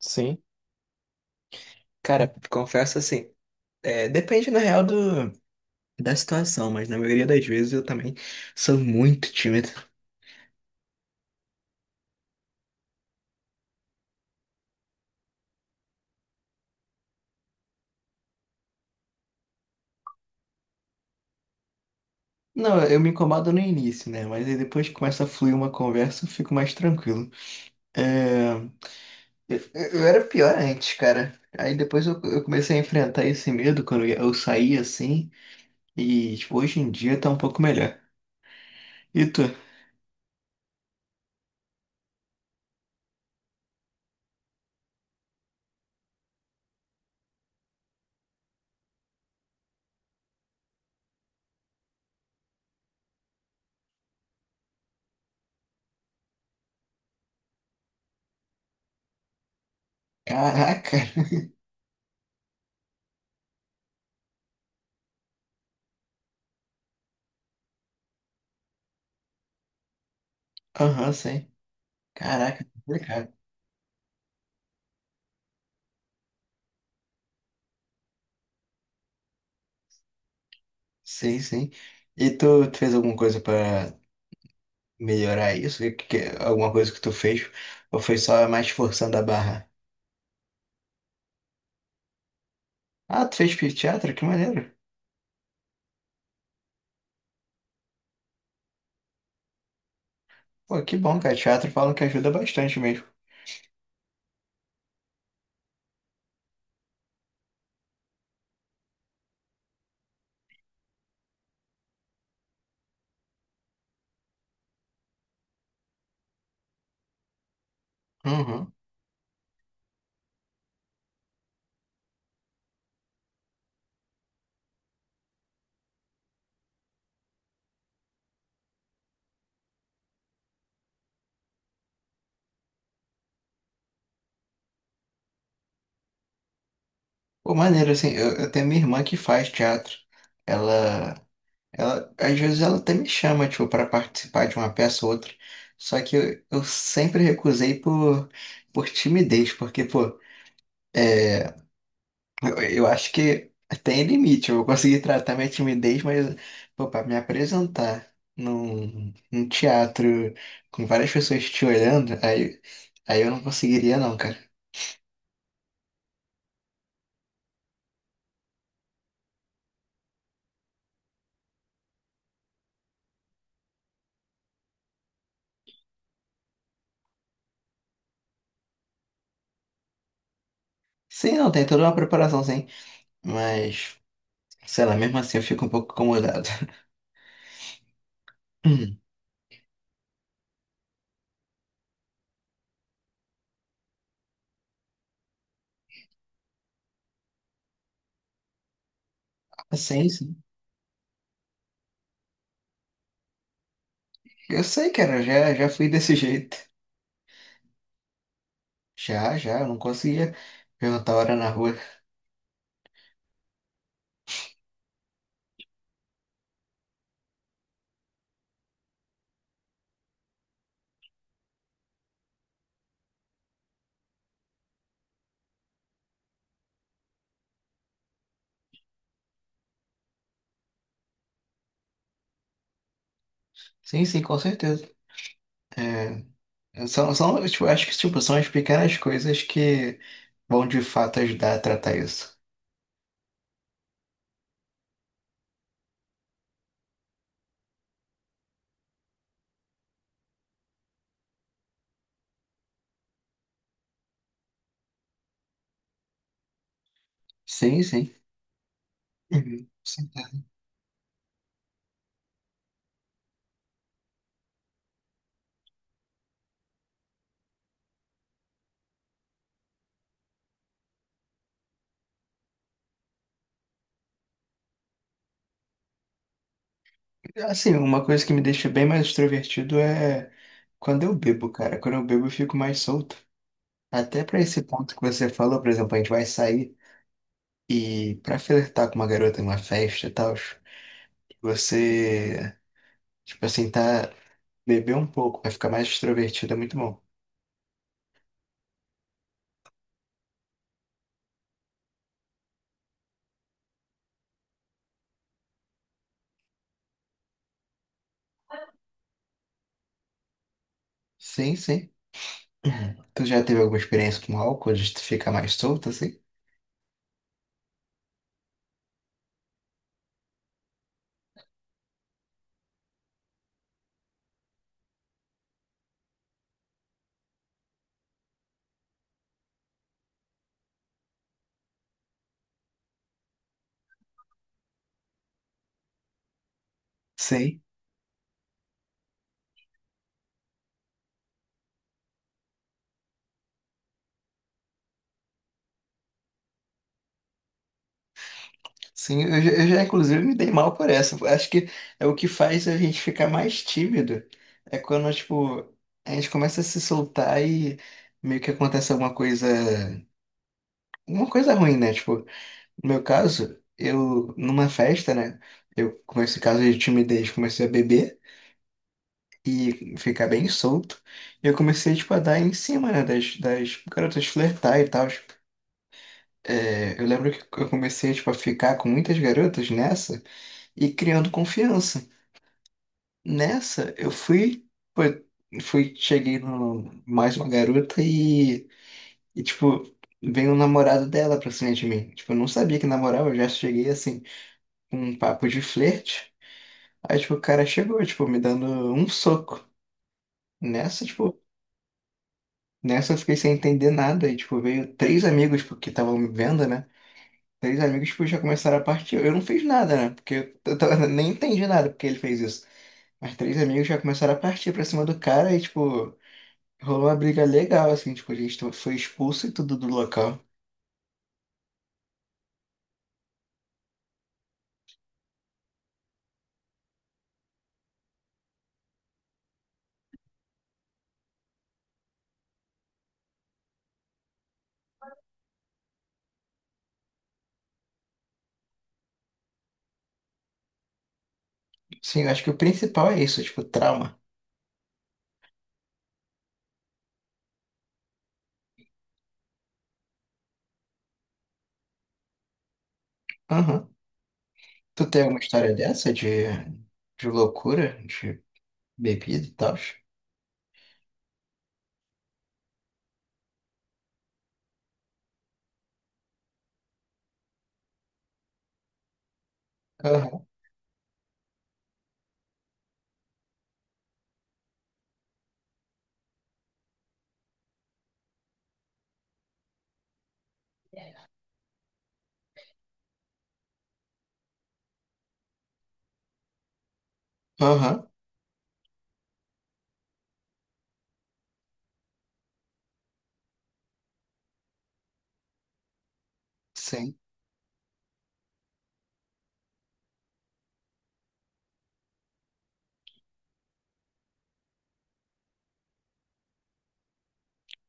Sim. Cara, confesso assim, depende na real da situação, mas na maioria das vezes eu também sou muito tímido. Não, eu me incomodo no início, né? Mas aí depois que começa a fluir uma conversa, eu fico mais tranquilo. É, eu, eu era pior antes, cara. Aí depois eu comecei a enfrentar esse medo quando eu saí assim, e tipo, hoje em dia tá um pouco melhor. E tu? Caraca! Aham, sim. Caraca, complicado. Sim, sim. E tu fez alguma coisa pra melhorar isso? Alguma coisa que tu fez? Ou foi só mais forçando a barra? Ah, tu fez teatro? Que maneiro. Pô, que bom, cara. Teatro falam que ajuda bastante mesmo. Uhum. Pô, maneiro, assim, eu tenho minha irmã que faz teatro. Ela, às vezes ela até me chama, tipo, para participar de uma peça ou outra. Só que eu sempre recusei por timidez, porque, pô, eu acho que tem limite. Eu vou conseguir tratar minha timidez, mas, pô, pra me apresentar num teatro com várias pessoas te olhando, aí eu não conseguiria, não, cara. Sim, não, tem toda uma preparação, sim. Mas, sei lá, mesmo assim eu fico um pouco incomodado. Hum. Sim, sim. Eu sei, cara, já fui desse jeito. Já, já, eu não conseguia perguntar a hora na rua. Sim, sim, com certeza. É, são, tipo, são as pequenas coisas que vão de fato ajudar a tratar isso. Sim, sim. Uhum. Sim, tá. Assim, uma coisa que me deixa bem mais extrovertido é quando eu bebo, cara. Quando eu bebo, eu fico mais solto. Até pra esse ponto que você falou, por exemplo, a gente vai sair e pra flertar com uma garota numa festa e tal, você, tipo assim, tá beber um pouco, vai ficar mais extrovertido, é muito bom. Sim, sim. Uhum. Tu já teve alguma experiência com álcool de tu ficar mais solto assim? Sei, sim, eu já inclusive me dei mal por essa. Acho que é o que faz a gente ficar mais tímido. É quando, tipo, a gente começa a se soltar e meio que acontece alguma coisa, uma coisa ruim, né? Tipo, no meu caso, eu, numa festa, né? Eu, com esse caso de timidez, comecei a beber e ficar bem solto. E eu comecei, tipo, a dar em cima, né? Das garotas flertar e tal. É, eu lembro que eu comecei, tipo, a ficar com muitas garotas nessa. E criando confiança. Nessa, eu fui, foi, fui cheguei no mais uma garota e tipo, veio o namorado dela pra cima de mim. Tipo, eu não sabia que namorava, eu já cheguei assim, com um papo de flerte. Aí, tipo, o cara chegou, tipo, me dando um soco. Nessa, tipo, nessa eu fiquei sem entender nada. E, tipo, veio três amigos, tipo, que estavam me vendo, né? Três amigos, tipo, já começaram a partir. Eu não fiz nada, né? Porque eu tava- nem entendi nada porque ele fez isso. As três amigas já começaram a partir pra cima do cara e, tipo, rolou uma briga legal, assim, tipo, a gente to- foi expulso e tudo do local. Sim, eu acho que o principal é isso, tipo, trauma. Aham. Tu tem alguma história dessa de loucura, de bebida e tal? Aham. Aham. Sim.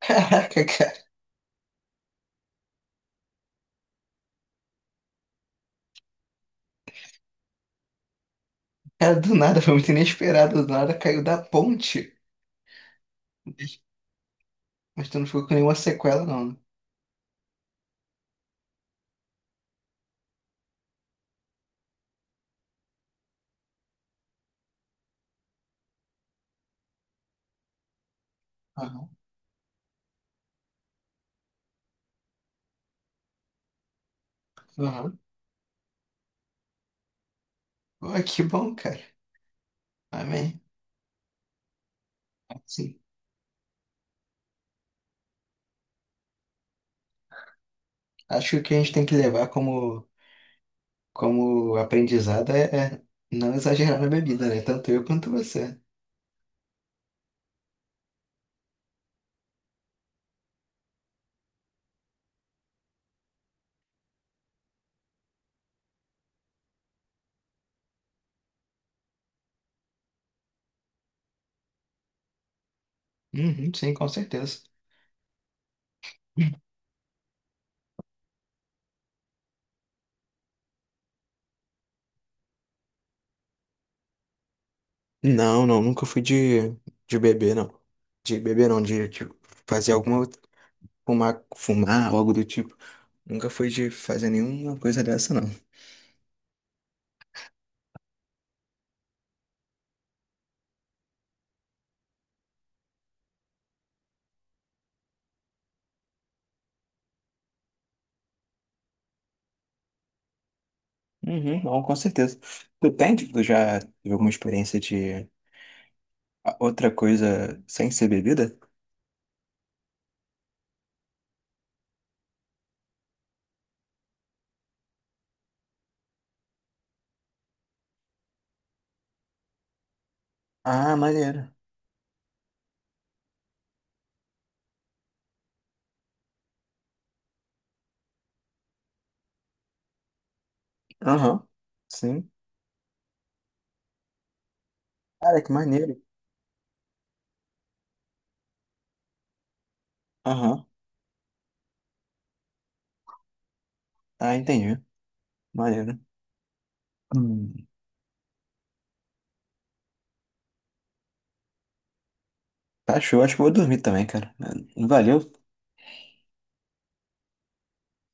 Caraca, cara. Cara, do nada, foi muito inesperado, do nada caiu da ponte. Mas tu não ficou com nenhuma sequela, não, né? Aham. Aham. Pô, que bom, cara. Amém. Sim. Acho que o que a gente tem que levar como aprendizado é não exagerar na bebida, né? Tanto eu quanto você. Uhum, sim, com certeza. Não, não, nunca fui de beber, não. De beber, não, de fazer alguma. Outra- Fumar, fumar, algo do tipo. Nunca fui de fazer nenhuma coisa dessa, não. Uhum, não, com certeza. Tu tem, tipo, tu já teve alguma experiência de a- outra coisa sem ser bebida? Ah, maneiro. Aham, sim. Cara, que maneiro. Aham, ah, entendi. Maneiro. Hum, tá show, acho que eu vou dormir também, cara. Valeu